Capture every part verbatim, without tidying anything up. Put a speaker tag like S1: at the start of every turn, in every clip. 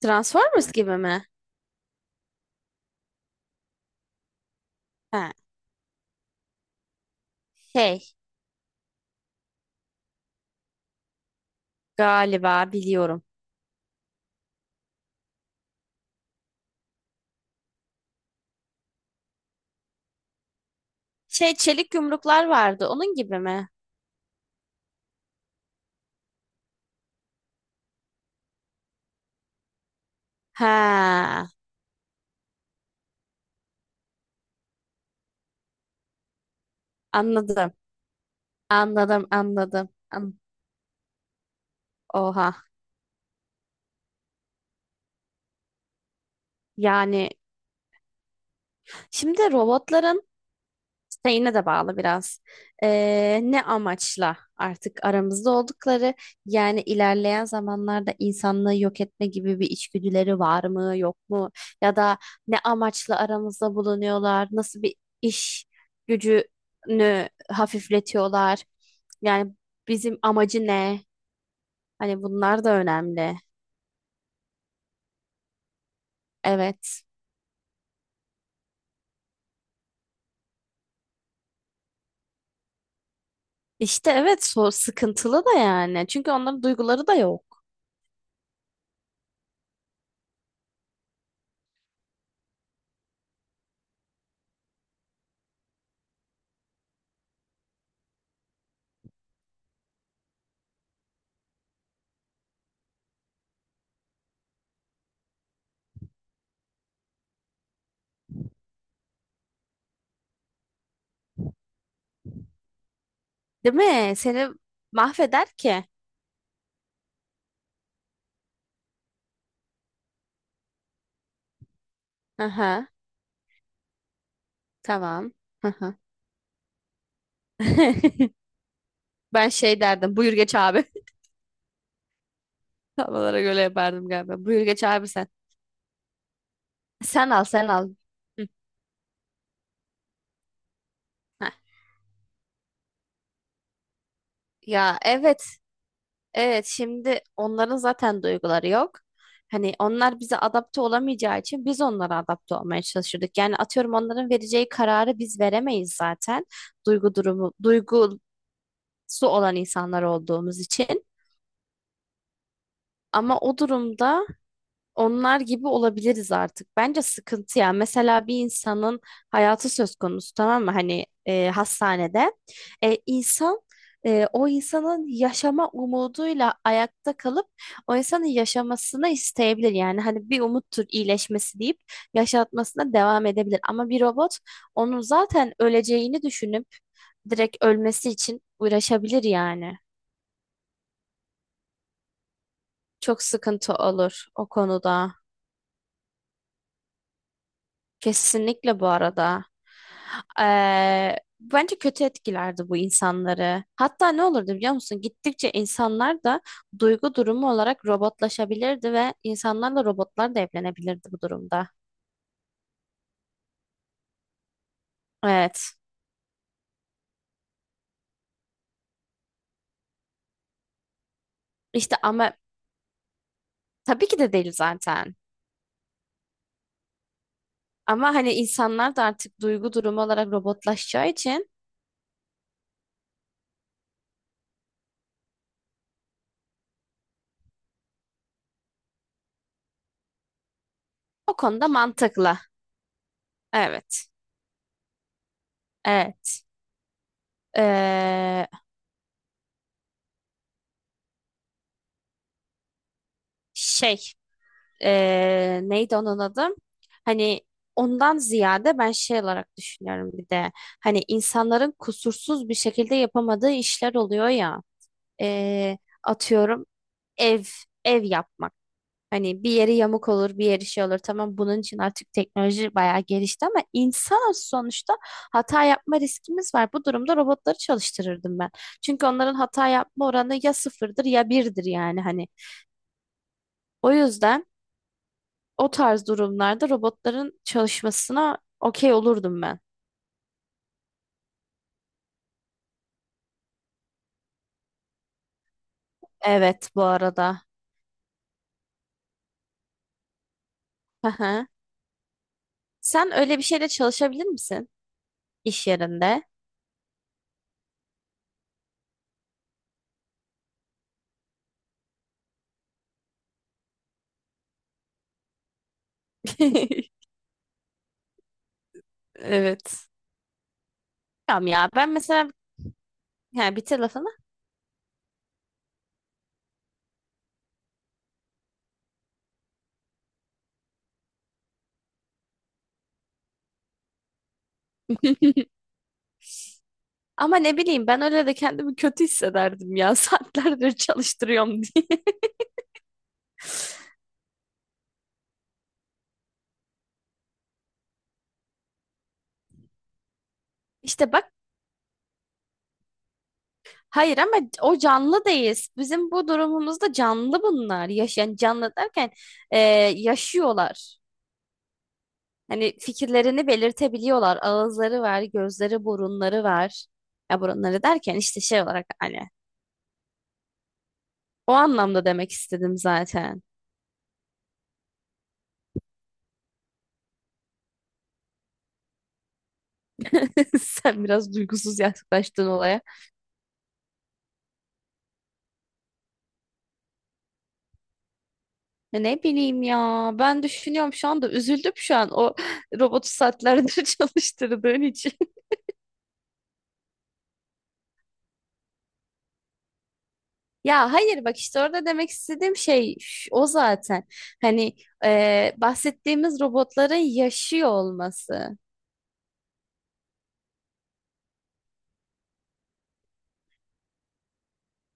S1: Transformers gibi mi? Ha, şey galiba biliyorum. Şey çelik yumruklar vardı onun gibi mi? Ha, anladım. Anladım anladım. An- Oha. Yani şimdi robotların şeyine de bağlı biraz. Ee, ne amaçla artık aramızda oldukları, yani ilerleyen zamanlarda insanlığı yok etme gibi bir içgüdüleri var mı yok mu, ya da ne amaçla aramızda bulunuyorlar, nasıl bir iş gücünü hafifletiyorlar, yani bizim amacı ne, hani bunlar da önemli. Evet. İşte evet, so sıkıntılı da yani. Çünkü onların duyguları da yok. Değil mi? Seni mahveder ki. Aha, tamam. Aha. Ben şey derdim: buyur geç abi. Havalara göre yapardım galiba. Buyur geç abi sen. Sen al sen al. Hı. Heh. Ya evet, evet şimdi onların zaten duyguları yok. Hani onlar bize adapte olamayacağı için biz onlara adapte olmaya çalışırdık. Yani atıyorum onların vereceği kararı biz veremeyiz zaten. Duygu durumu, duygusu olan insanlar olduğumuz için. Ama o durumda onlar gibi olabiliriz artık. Bence sıkıntı ya. Mesela bir insanın hayatı söz konusu, tamam mı? Hani e, hastanede. E, insan e, o insanın yaşama umuduyla ayakta kalıp o insanın yaşamasını isteyebilir. Yani hani bir umuttur iyileşmesi deyip yaşatmasına devam edebilir. Ama bir robot onun zaten öleceğini düşünüp direkt ölmesi için uğraşabilir yani. Çok sıkıntı olur o konuda. Kesinlikle bu arada. Eee, bence kötü etkilerdi bu insanları. Hatta ne olurdu biliyor musun? Gittikçe insanlar da duygu durumu olarak robotlaşabilirdi ve insanlarla robotlar da evlenebilirdi bu durumda. Evet. İşte ama tabii ki de değil zaten. Ama hani insanlar da artık duygu durumu olarak robotlaşacağı için o konuda mantıklı. Evet. Evet. Eee, Şey, e, neydi onun adı? Hani ondan ziyade ben şey olarak düşünüyorum bir de. Hani insanların kusursuz bir şekilde yapamadığı işler oluyor ya. E, Atıyorum ev ev yapmak. Hani bir yeri yamuk olur, bir yeri şey olur. Tamam, bunun için artık teknoloji bayağı gelişti ama insanız sonuçta, hata yapma riskimiz var. Bu durumda robotları çalıştırırdım ben. Çünkü onların hata yapma oranı ya sıfırdır ya birdir yani hani. O yüzden o tarz durumlarda robotların çalışmasına okey olurdum ben. Evet bu arada. Hı hı. Sen öyle bir şeyle çalışabilir misin iş yerinde? Evet. Tamam ya ben mesela yani bitir lafını. Ama ne bileyim, ben öyle de kendimi kötü hissederdim ya, saatlerdir çalıştırıyorum diye. İşte bak, hayır ama o canlı değil. Bizim bu durumumuzda canlı bunlar. Yaş, yani canlı derken e, yaşıyorlar. Hani fikirlerini belirtebiliyorlar. Ağızları var, gözleri, burunları var. Ya burunları derken işte şey olarak hani o anlamda demek istedim zaten. Sen biraz duygusuz yaklaştın olaya. Ya ne bileyim ya. Ben düşünüyorum şu anda, üzüldüm şu an o robotu saatlerdir çalıştırdığın için. Ya hayır bak, işte orada demek istediğim şey ş- o zaten. Hani e, bahsettiğimiz robotların yaşıyor olması.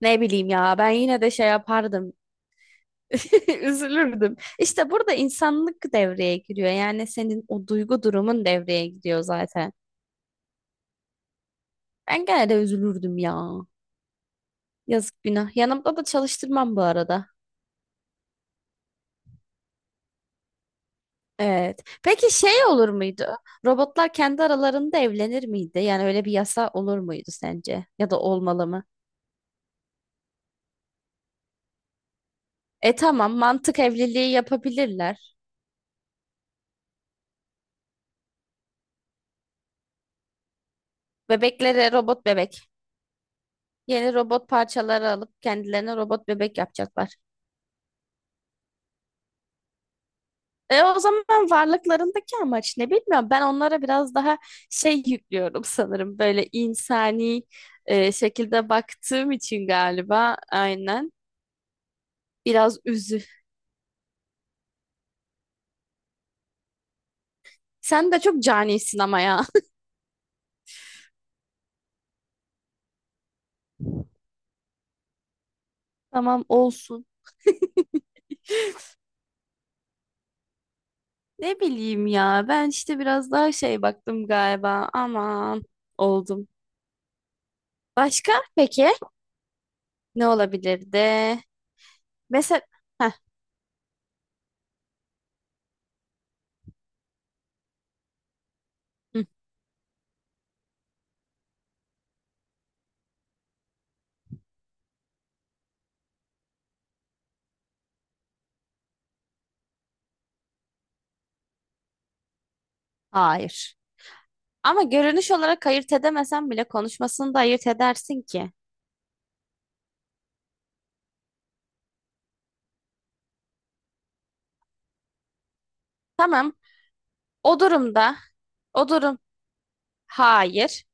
S1: Ne bileyim ya, ben yine de şey yapardım. Üzülürdüm. İşte burada insanlık devreye giriyor. Yani senin o duygu durumun devreye giriyor zaten. Ben gene de üzülürdüm ya. Yazık günah. Yanımda da çalıştırmam bu arada. Evet. Peki şey olur muydu? Robotlar kendi aralarında evlenir miydi? Yani öyle bir yasa olur muydu sence? Ya da olmalı mı? E tamam, mantık evliliği yapabilirler. Bebeklere robot bebek. Yeni robot parçaları alıp kendilerine robot bebek yapacaklar. E o zaman varlıklarındaki amaç ne bilmiyorum. Ben onlara biraz daha şey yüklüyorum sanırım. Böyle insani e, şekilde baktığım için galiba, aynen. Biraz üzü. Sen de çok canisin ama ya. Tamam olsun. Ne bileyim ya. Ben işte biraz daha şey baktım galiba. Aman oldum. Başka peki ne olabilirdi? Mesela hı, hayır. Ama görünüş olarak ayırt edemesen bile konuşmasını da ayırt edersin ki. Tamam. O durumda, o durum, hayır.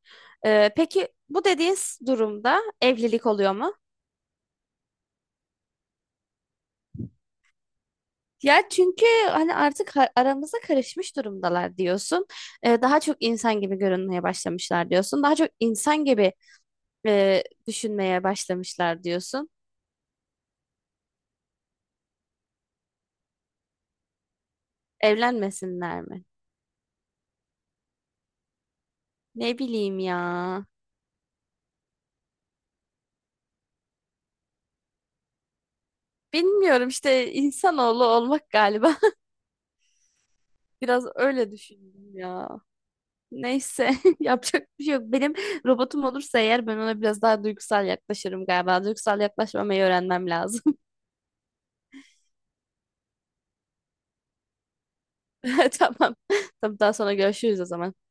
S1: Ee, peki bu dediğin durumda evlilik oluyor mu? Ya çünkü hani artık ha- aramıza karışmış durumdalar diyorsun. Ee, daha çok insan gibi görünmeye başlamışlar diyorsun. Daha çok insan gibi e, düşünmeye başlamışlar diyorsun. Evlenmesinler mi? Ne bileyim ya. Bilmiyorum işte, insanoğlu olmak galiba. Biraz öyle düşündüm ya. Neyse, yapacak bir şey yok. Benim robotum olursa eğer ben ona biraz daha duygusal yaklaşırım galiba. Duygusal yaklaşmamayı öğrenmem lazım. Tamam. Tamam, daha sonra görüşürüz o zaman.